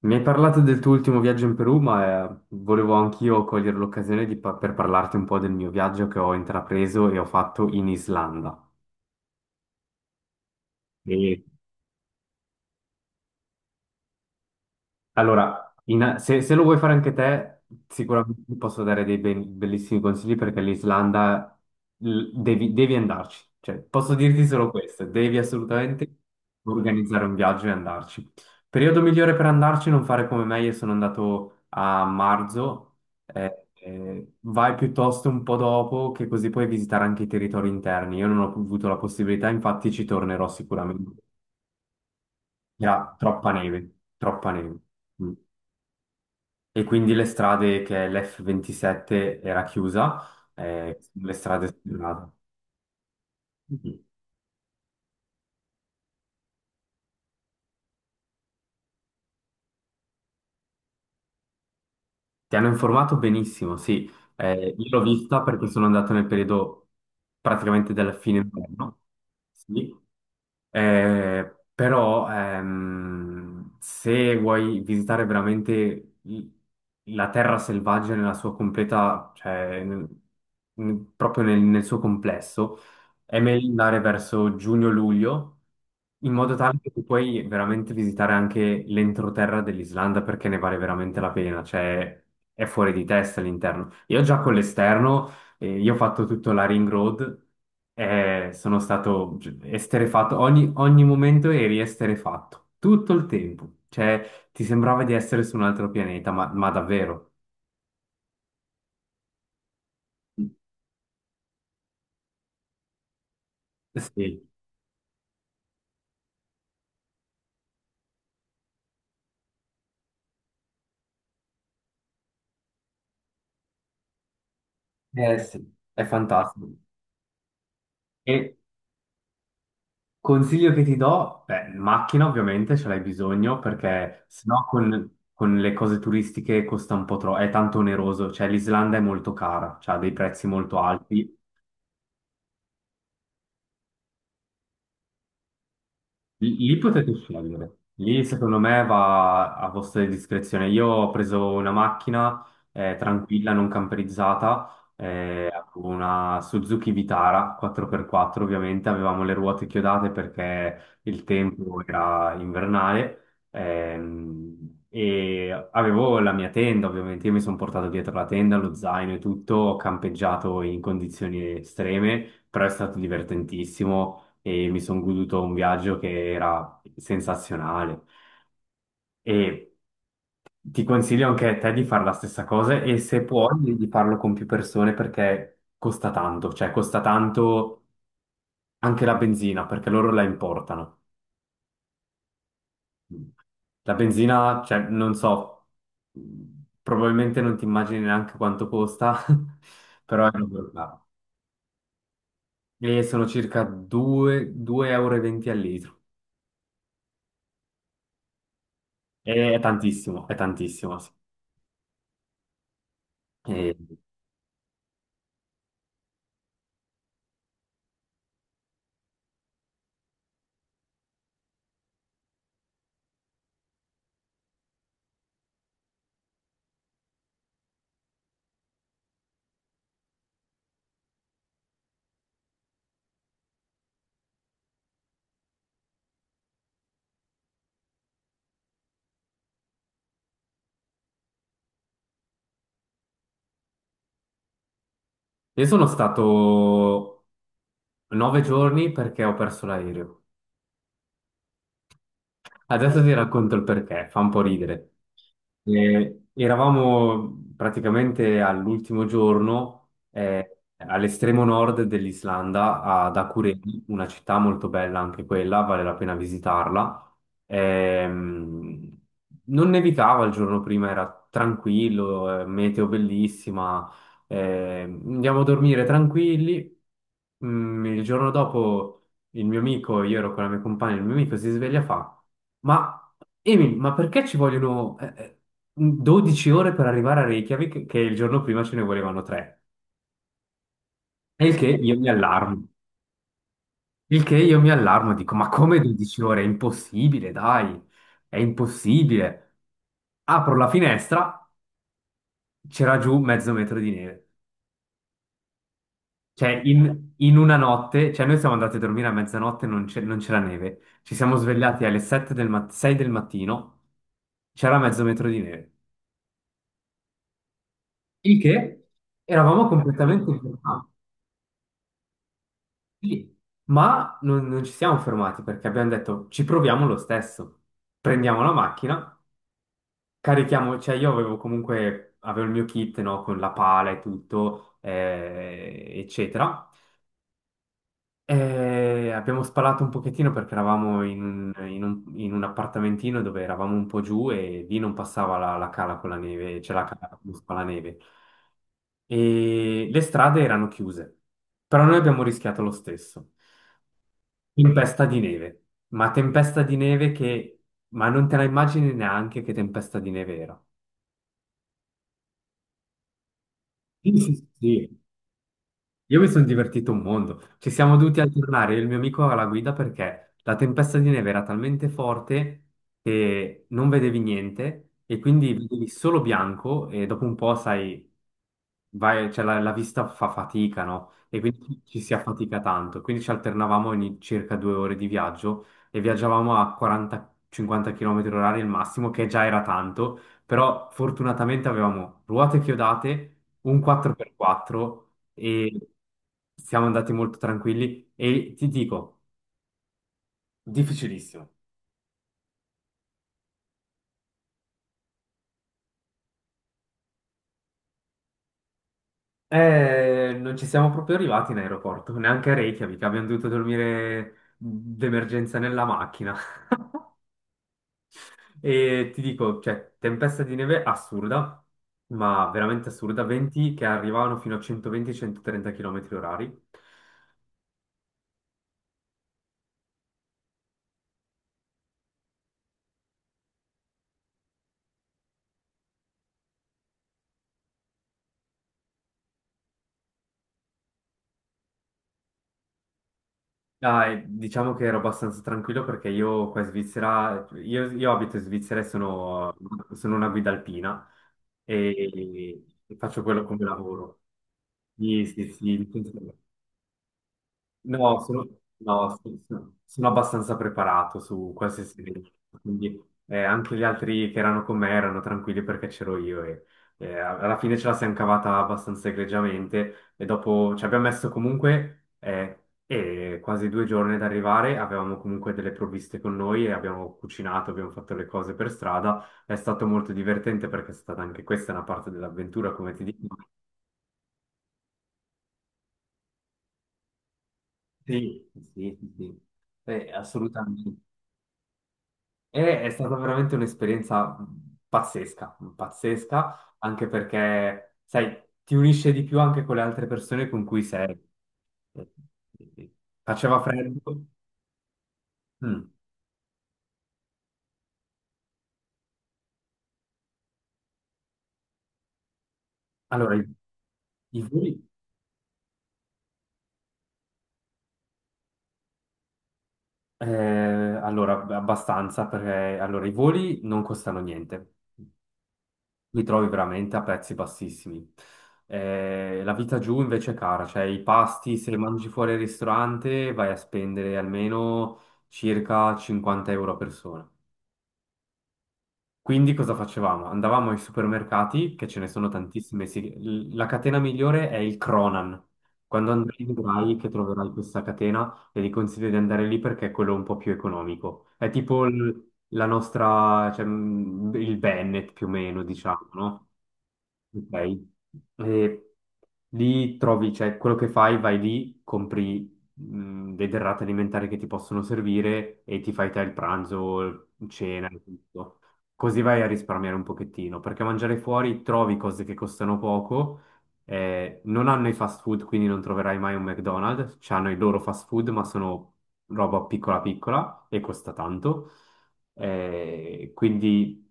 Mi hai parlato del tuo ultimo viaggio in Perù, ma volevo anch'io cogliere l'occasione di per parlarti un po' del mio viaggio che ho intrapreso e ho fatto in Islanda. Sì. Allora, se lo vuoi fare anche te, sicuramente ti posso dare dei bellissimi consigli perché l'Islanda devi andarci. Cioè, posso dirti solo questo, devi assolutamente organizzare un viaggio e andarci. Periodo migliore per andarci, non fare come me, io sono andato a marzo. Vai piuttosto un po' dopo, che così puoi visitare anche i territori interni. Io non ho avuto la possibilità, infatti ci tornerò sicuramente. Era troppa neve, troppa neve. Mm. E quindi le strade, che l'F27 era chiusa, le strade sterrate. Mhm. Ti hanno informato benissimo, sì. Io l'ho vista perché sono andato nel periodo praticamente della fine inverno, sì. Però se vuoi visitare veramente la terra selvaggia nella sua completa, cioè nel suo complesso, è meglio andare verso giugno-luglio, in modo tale che tu puoi veramente visitare anche l'entroterra dell'Islanda perché ne vale veramente la pena, cioè è fuori di testa l'interno. Io già con l'esterno, io ho fatto tutto la Ring Road, e sono stato esterefatto, ogni, ogni momento eri esterefatto, tutto il tempo, cioè ti sembrava di essere su un altro pianeta, ma davvero. Sì, eh sì, è fantastico. E consiglio che ti do, beh, macchina ovviamente ce l'hai bisogno perché sennò con le cose turistiche costa un po' troppo, è tanto oneroso, cioè l'Islanda è molto cara, cioè ha dei prezzi molto alti. Lì potete scegliere, lì secondo me va a vostra discrezione. Io ho preso una macchina tranquilla, non camperizzata, avevo una Suzuki Vitara 4x4 ovviamente, avevamo le ruote chiodate perché il tempo era invernale, e avevo la mia tenda ovviamente, io mi sono portato dietro la tenda, lo zaino e tutto, ho campeggiato in condizioni estreme, però è stato divertentissimo e mi sono goduto un viaggio che era sensazionale. E ti consiglio anche a te di fare la stessa cosa e se puoi di farlo con più persone perché costa tanto, cioè costa tanto anche la benzina perché loro la importano. La benzina, cioè, non so, probabilmente non ti immagini neanche quanto costa, però è proprio caro. E sono circa 2, 2,20 euro e venti al litro. E è tantissimo, è tantissimo. Sì. Io sono stato 9 giorni perché ho perso l'aereo. Adesso ti racconto il perché, fa un po' ridere. Eravamo praticamente all'ultimo giorno, all'estremo nord dell'Islanda, ad Akureyri, una città molto bella anche quella, vale la pena visitarla. Ehm, Non nevicava il giorno prima, era tranquillo, meteo bellissima, andiamo a dormire tranquilli. Il giorno dopo il mio amico, io ero con la mia compagna, il mio amico si sveglia e fa. Ma Emi, ma perché ci vogliono 12 ore per arrivare a Reykjavik, che il giorno prima ce ne volevano 3? E il che io mi allarmo. Il che io mi allarmo, dico, ma come 12 ore? È impossibile, dai, è impossibile. Apro la finestra, c'era giù mezzo metro di neve. Cioè, in una notte, cioè noi siamo andati a dormire a mezzanotte, non c'era neve. Ci siamo svegliati alle 6 del mattino, c'era mezzo metro di neve. Il che eravamo completamente informati. Sì, ma non ci siamo fermati perché abbiamo detto ci proviamo lo stesso. Prendiamo la macchina, carichiamo, cioè io avevo comunque, avevo il mio kit, no, con la pala e tutto, eccetera. E abbiamo spalato un pochettino perché eravamo in un appartamentino dove eravamo un po' giù e lì non passava la cala con la neve, c'è la cala con la neve. E le strade erano chiuse, però noi abbiamo rischiato lo stesso. Tempesta di neve, ma tempesta di neve che... ma non te la immagini neanche che tempesta di neve era. Sì, sì, sì. Io mi sono divertito un mondo. Ci siamo dovuti alternare io e il mio amico alla guida perché la tempesta di neve era talmente forte che non vedevi niente e quindi vedevi solo bianco e dopo un po', sai, vai- cioè, la vista fa fatica, no? E quindi ci si affatica tanto. Quindi ci alternavamo ogni circa 2 ore di viaggio e viaggiavamo a 40-50 km orari il massimo, che già era tanto, però fortunatamente avevamo ruote chiodate, un 4x4 e siamo andati molto tranquilli e ti dico, difficilissimo. Non ci siamo proprio arrivati in aeroporto, neanche a Reykjavik, abbiamo dovuto dormire d'emergenza nella macchina. E ti dico, cioè, tempesta di neve assurda, ma veramente assurda, venti che arrivavano fino a 120-130 km orari. Dai, diciamo che ero abbastanza tranquillo perché io qua in Svizzera, io abito in Svizzera e sono una guida alpina e faccio quello come lavoro. Sì, sì, sì. No, sono, no, so, sono- sono abbastanza preparato su qualsiasi cosa, quindi anche gli altri che erano con me erano tranquilli perché c'ero io e alla fine ce la siamo cavata abbastanza egregiamente e dopo ci abbiamo messo comunque quasi 2 giorni ad arrivare, avevamo comunque delle provviste con noi e abbiamo cucinato, abbiamo fatto le cose per strada, è stato molto divertente perché è stata anche questa una parte dell'avventura, come ti dico. Sì, sì, sì. Sì. Assolutamente. E è stata veramente un'esperienza pazzesca, pazzesca, anche perché, sai, ti unisce di più anche con le altre persone con cui sei. Eh, Faceva freddo. Mm. Allora, i voli, eh, allora, abbastanza, perché allora, i voli non costano niente. Li trovi veramente a prezzi bassissimi. La vita giù invece è cara, cioè i pasti, se mangi fuori al ristorante, vai a spendere almeno circa 50 euro a persona. Quindi cosa facevamo? Andavamo ai supermercati, che ce ne sono tantissime, la catena migliore è il Cronan. Quando andrai vedrai che troverai questa catena e ti consiglio di andare lì perché è quello un po' più economico. È tipo la nostra, cioè, il Bennett più o meno, diciamo, no? Ok. E lì trovi, cioè, quello che fai, vai lì, compri le derrate alimentari che ti possono servire e ti fai te il pranzo, cena e tutto. Così vai a risparmiare un pochettino, perché mangiare fuori trovi cose che costano poco, non hanno i fast food, quindi non troverai mai un McDonald's, hanno i loro fast food, ma sono roba piccola piccola e costa tanto. Quindi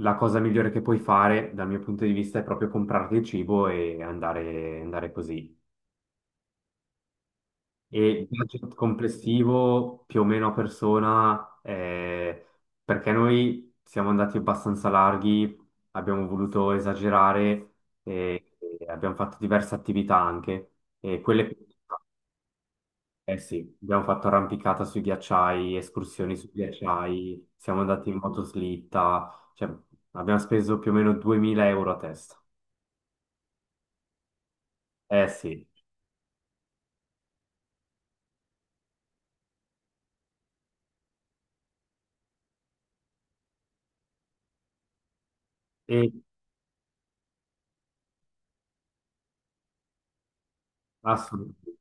la cosa migliore che puoi fare, dal mio punto di vista, è proprio comprarti il cibo e andare, andare così. E il budget complessivo più o meno a persona, perché noi siamo andati abbastanza larghi, abbiamo voluto esagerare e, abbiamo fatto diverse attività anche. E quelle eh sì, abbiamo fatto arrampicata sui ghiacciai, escursioni sui ghiacciai, siamo andati in motoslitta, cioè abbiamo speso più o meno 2000 euro a testa. Eh sì, e assolutamente.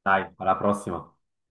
Dai, alla prossima.